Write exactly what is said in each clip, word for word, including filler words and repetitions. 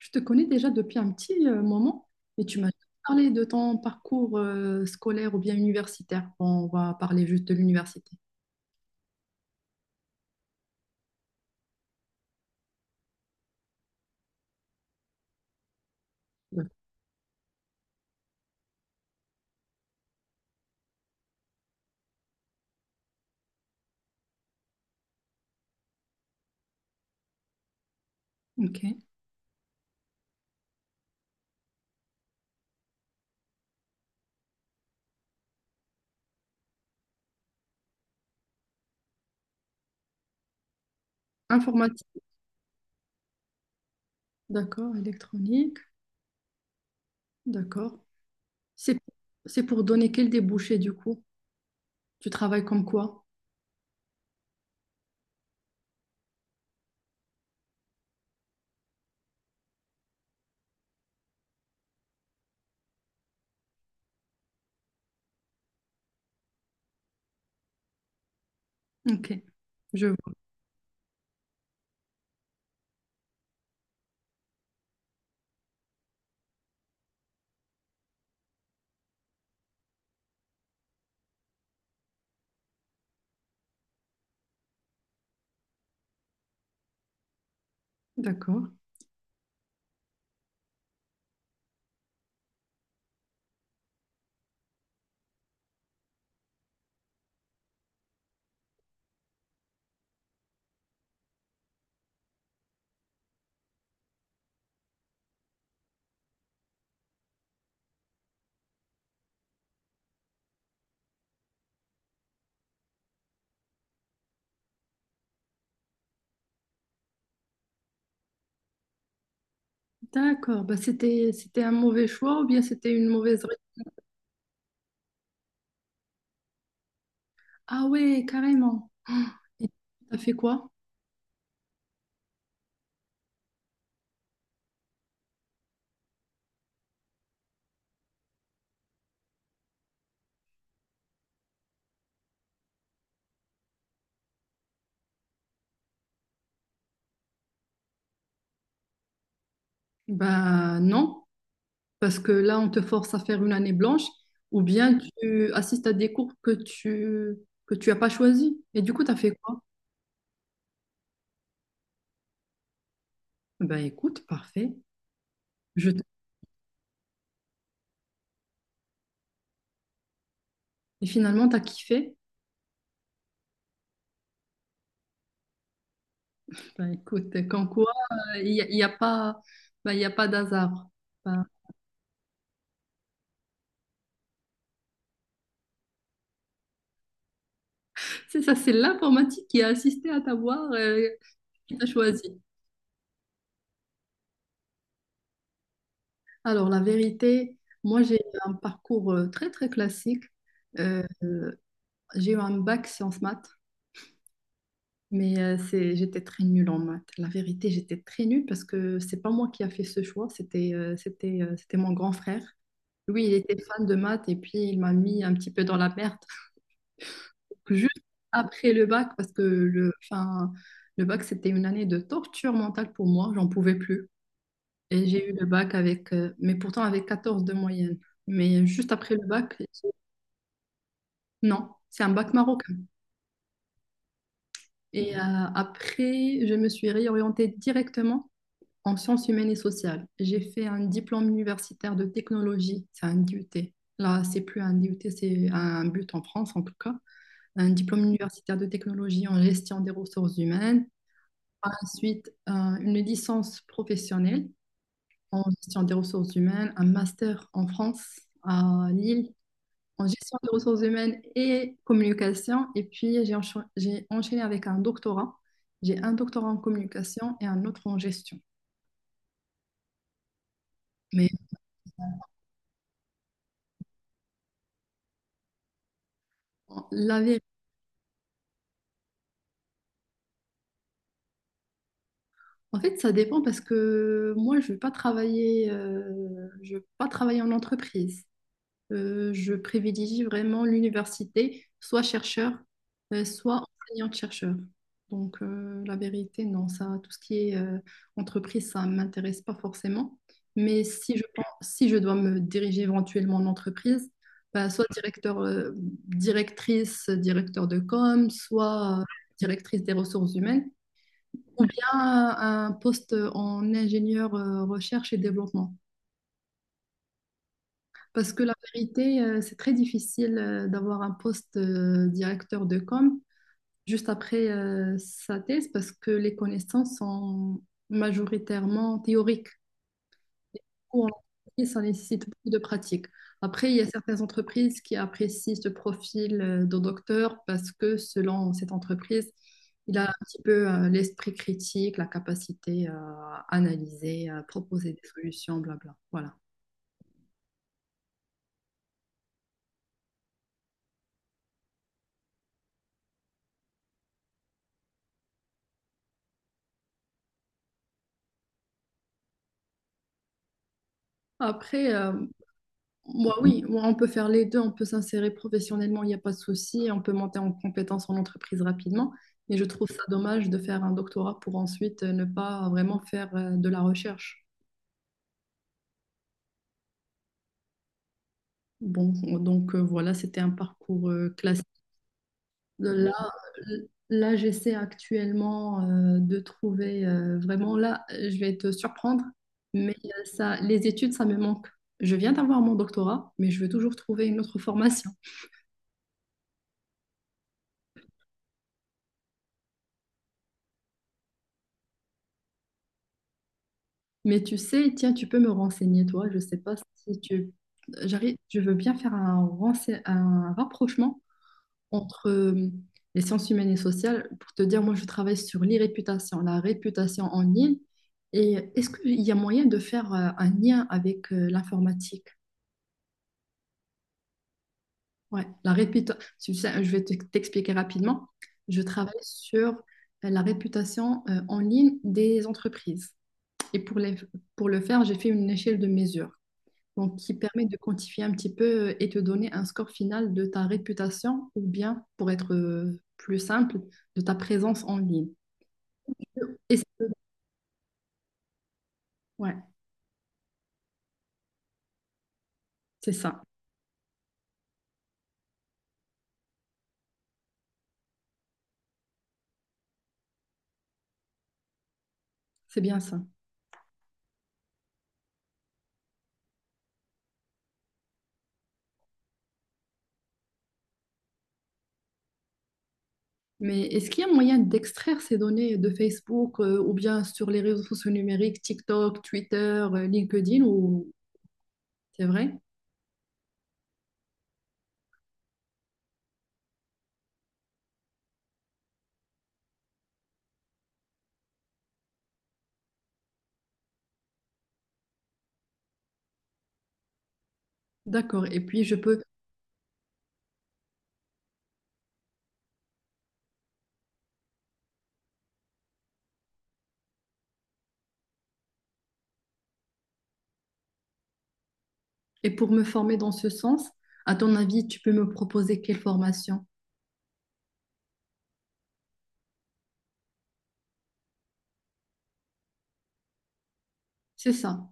Je te connais déjà depuis un petit euh, moment et tu m'as parlé de ton parcours euh, scolaire ou bien universitaire. Bon, on va parler juste de l'université. Ouais. Ok. Informatique, d'accord. Électronique, d'accord. C'est c'est pour donner quel débouché du coup? Tu travailles comme quoi? Ok. Je vois. D'accord. D'accord. Bah, c'était c'était un mauvais choix ou bien c'était une mauvaise... ré- Ah ouais, carrément. Et t'as fait quoi? Bah non. Parce que là, on te force à faire une année blanche ou bien tu assistes à des cours que tu que tu as pas choisi. Et du coup, tu as fait quoi? Ben écoute, parfait. Je te- Et finalement, tu as kiffé. Ben écoute, quand quoi, euh, il n'y a, il y a pas, ben, il y a pas d'hasard. Ben, c'est ça, c'est l'informatique qui a assisté à t'avoir, euh, qui t'a choisi. Alors, la vérité, moi, j'ai un parcours euh, très, très classique. Euh, j'ai eu un bac sciences maths. Mais euh, c'est, j'étais très nulle en maths. La vérité, j'étais très nulle parce que c'est pas moi qui a fait ce choix, c'était euh, c'était euh, c'était mon grand frère. Lui, il était fan de maths et puis il m'a mis un petit peu dans la merde juste après le bac parce que le, enfin, le bac, c'était une année de torture mentale pour moi, j'en pouvais plus. Et j'ai eu le bac avec, euh, mais pourtant avec quatorze de moyenne. Mais juste après le bac, non, c'est un bac marocain. Et euh, après, je me suis réorientée directement en sciences humaines et sociales. J'ai fait un diplôme universitaire de technologie, c'est un D U T. Là, c'est plus un D U T, c'est un but en France en tout cas. Un diplôme universitaire de technologie en gestion des ressources humaines. Ensuite, euh, une licence professionnelle en gestion des ressources humaines, un master en France, à Lille, en gestion des ressources humaines et communication. Et puis, j'ai encha- j'ai enchaîné avec un doctorat. J'ai un doctorat en communication et un autre en gestion. Mais la vérité, en fait, ça dépend parce que moi, je ne veux pas travailler, euh, je veux pas travailler en entreprise. Euh, je privilégie vraiment l'université, soit chercheur, euh, soit enseignante-chercheur. Donc, euh, la vérité, non, ça, tout ce qui est euh, entreprise, ça ne m'intéresse pas forcément. Mais si je pense, si je dois me diriger éventuellement en entreprise, bah, soit directeur, euh, directrice, directeur de com, soit euh, directrice des ressources humaines ou bien euh, un poste en ingénieur euh, recherche et développement. Parce que la vérité, euh, c'est très difficile euh, d'avoir un poste euh, directeur de com juste après euh, sa thèse parce que les connaissances sont majoritairement théoriques. Beaucoup en entreprise, ça nécessite beaucoup de pratique. Après, il y a certaines entreprises qui apprécient ce profil euh, de docteur parce que selon cette entreprise, il a un petit peu euh, l'esprit critique, la capacité à analyser, à proposer des solutions, blabla. Voilà. Après, euh, moi, oui, moi, on peut faire les deux, on peut s'insérer professionnellement, il n'y a pas de souci, on peut monter en compétence en entreprise rapidement, mais je trouve ça dommage de faire un doctorat pour ensuite euh, ne pas vraiment faire euh, de la recherche. Bon, donc euh, voilà, c'était un parcours euh, classique. Euh, Là, euh, là j'essaie actuellement euh, de trouver euh, vraiment, là, je vais te surprendre, mais euh, ça, les études, ça me manque. Je viens d'avoir mon doctorat, mais je veux toujours trouver une autre formation. Mais tu sais, tiens, tu peux me renseigner, toi. Je sais pas si tu... J'arrive, je veux bien faire un, rense- un rapprochement entre euh, les sciences humaines et sociales, pour te dire, moi, je travaille sur l'irréputation, la réputation en ligne. Et est-ce qu'il y a moyen de faire euh, un lien avec euh, l'informatique? Ouais, la réputa- tu sais, je vais te- t'expliquer rapidement. Je travaille sur euh, la réputation euh, en ligne des entreprises. Et pour les- pour le faire, j'ai fait une échelle de mesure. Donc qui permet de quantifier un petit peu euh, et te donner un score final de ta réputation ou bien, pour être euh, plus simple, de ta présence en ligne. Et c'est- ouais, c'est ça, c'est bien ça. Mais est-ce qu'il y a moyen d'extraire ces données de Facebook euh, ou bien sur les réseaux sociaux numériques, TikTok, Twitter, euh, LinkedIn ou c'est vrai? D'accord. Et puis je peux et pour me former dans ce sens, à ton avis, tu peux me proposer quelle formation? C'est ça.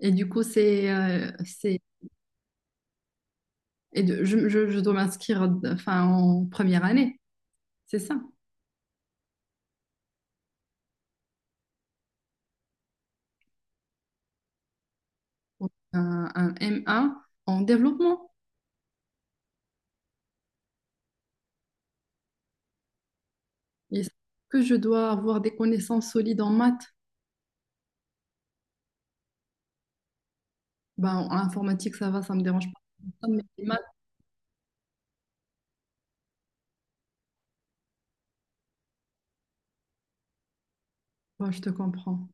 Et du coup, c'est euh, c'est. Et de- je, je, je dois m'inscrire enfin, en première année, c'est ça. Un, un M un en développement. Et que je dois avoir des connaissances solides en maths? Ben, en informatique, ça va, ça me dérange pas. Mais les maths, ouais, je te comprends.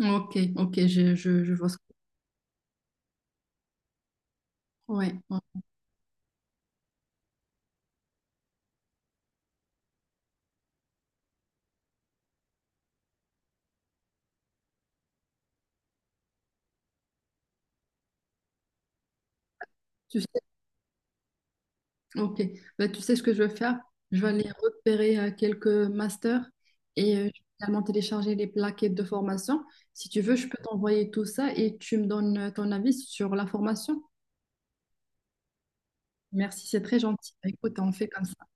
Ok, ok, je, je, je vois ce que... Ouais, ouais. Tu sais, ok. Ben, tu sais ce que je vais faire? Je vais aller repérer euh, quelques masters et euh, je vais également télécharger les plaquettes de formation. Si tu veux, je peux t'envoyer tout ça et tu me donnes euh, ton avis sur la formation. Merci, c'est très gentil. Écoute, on fait comme ça.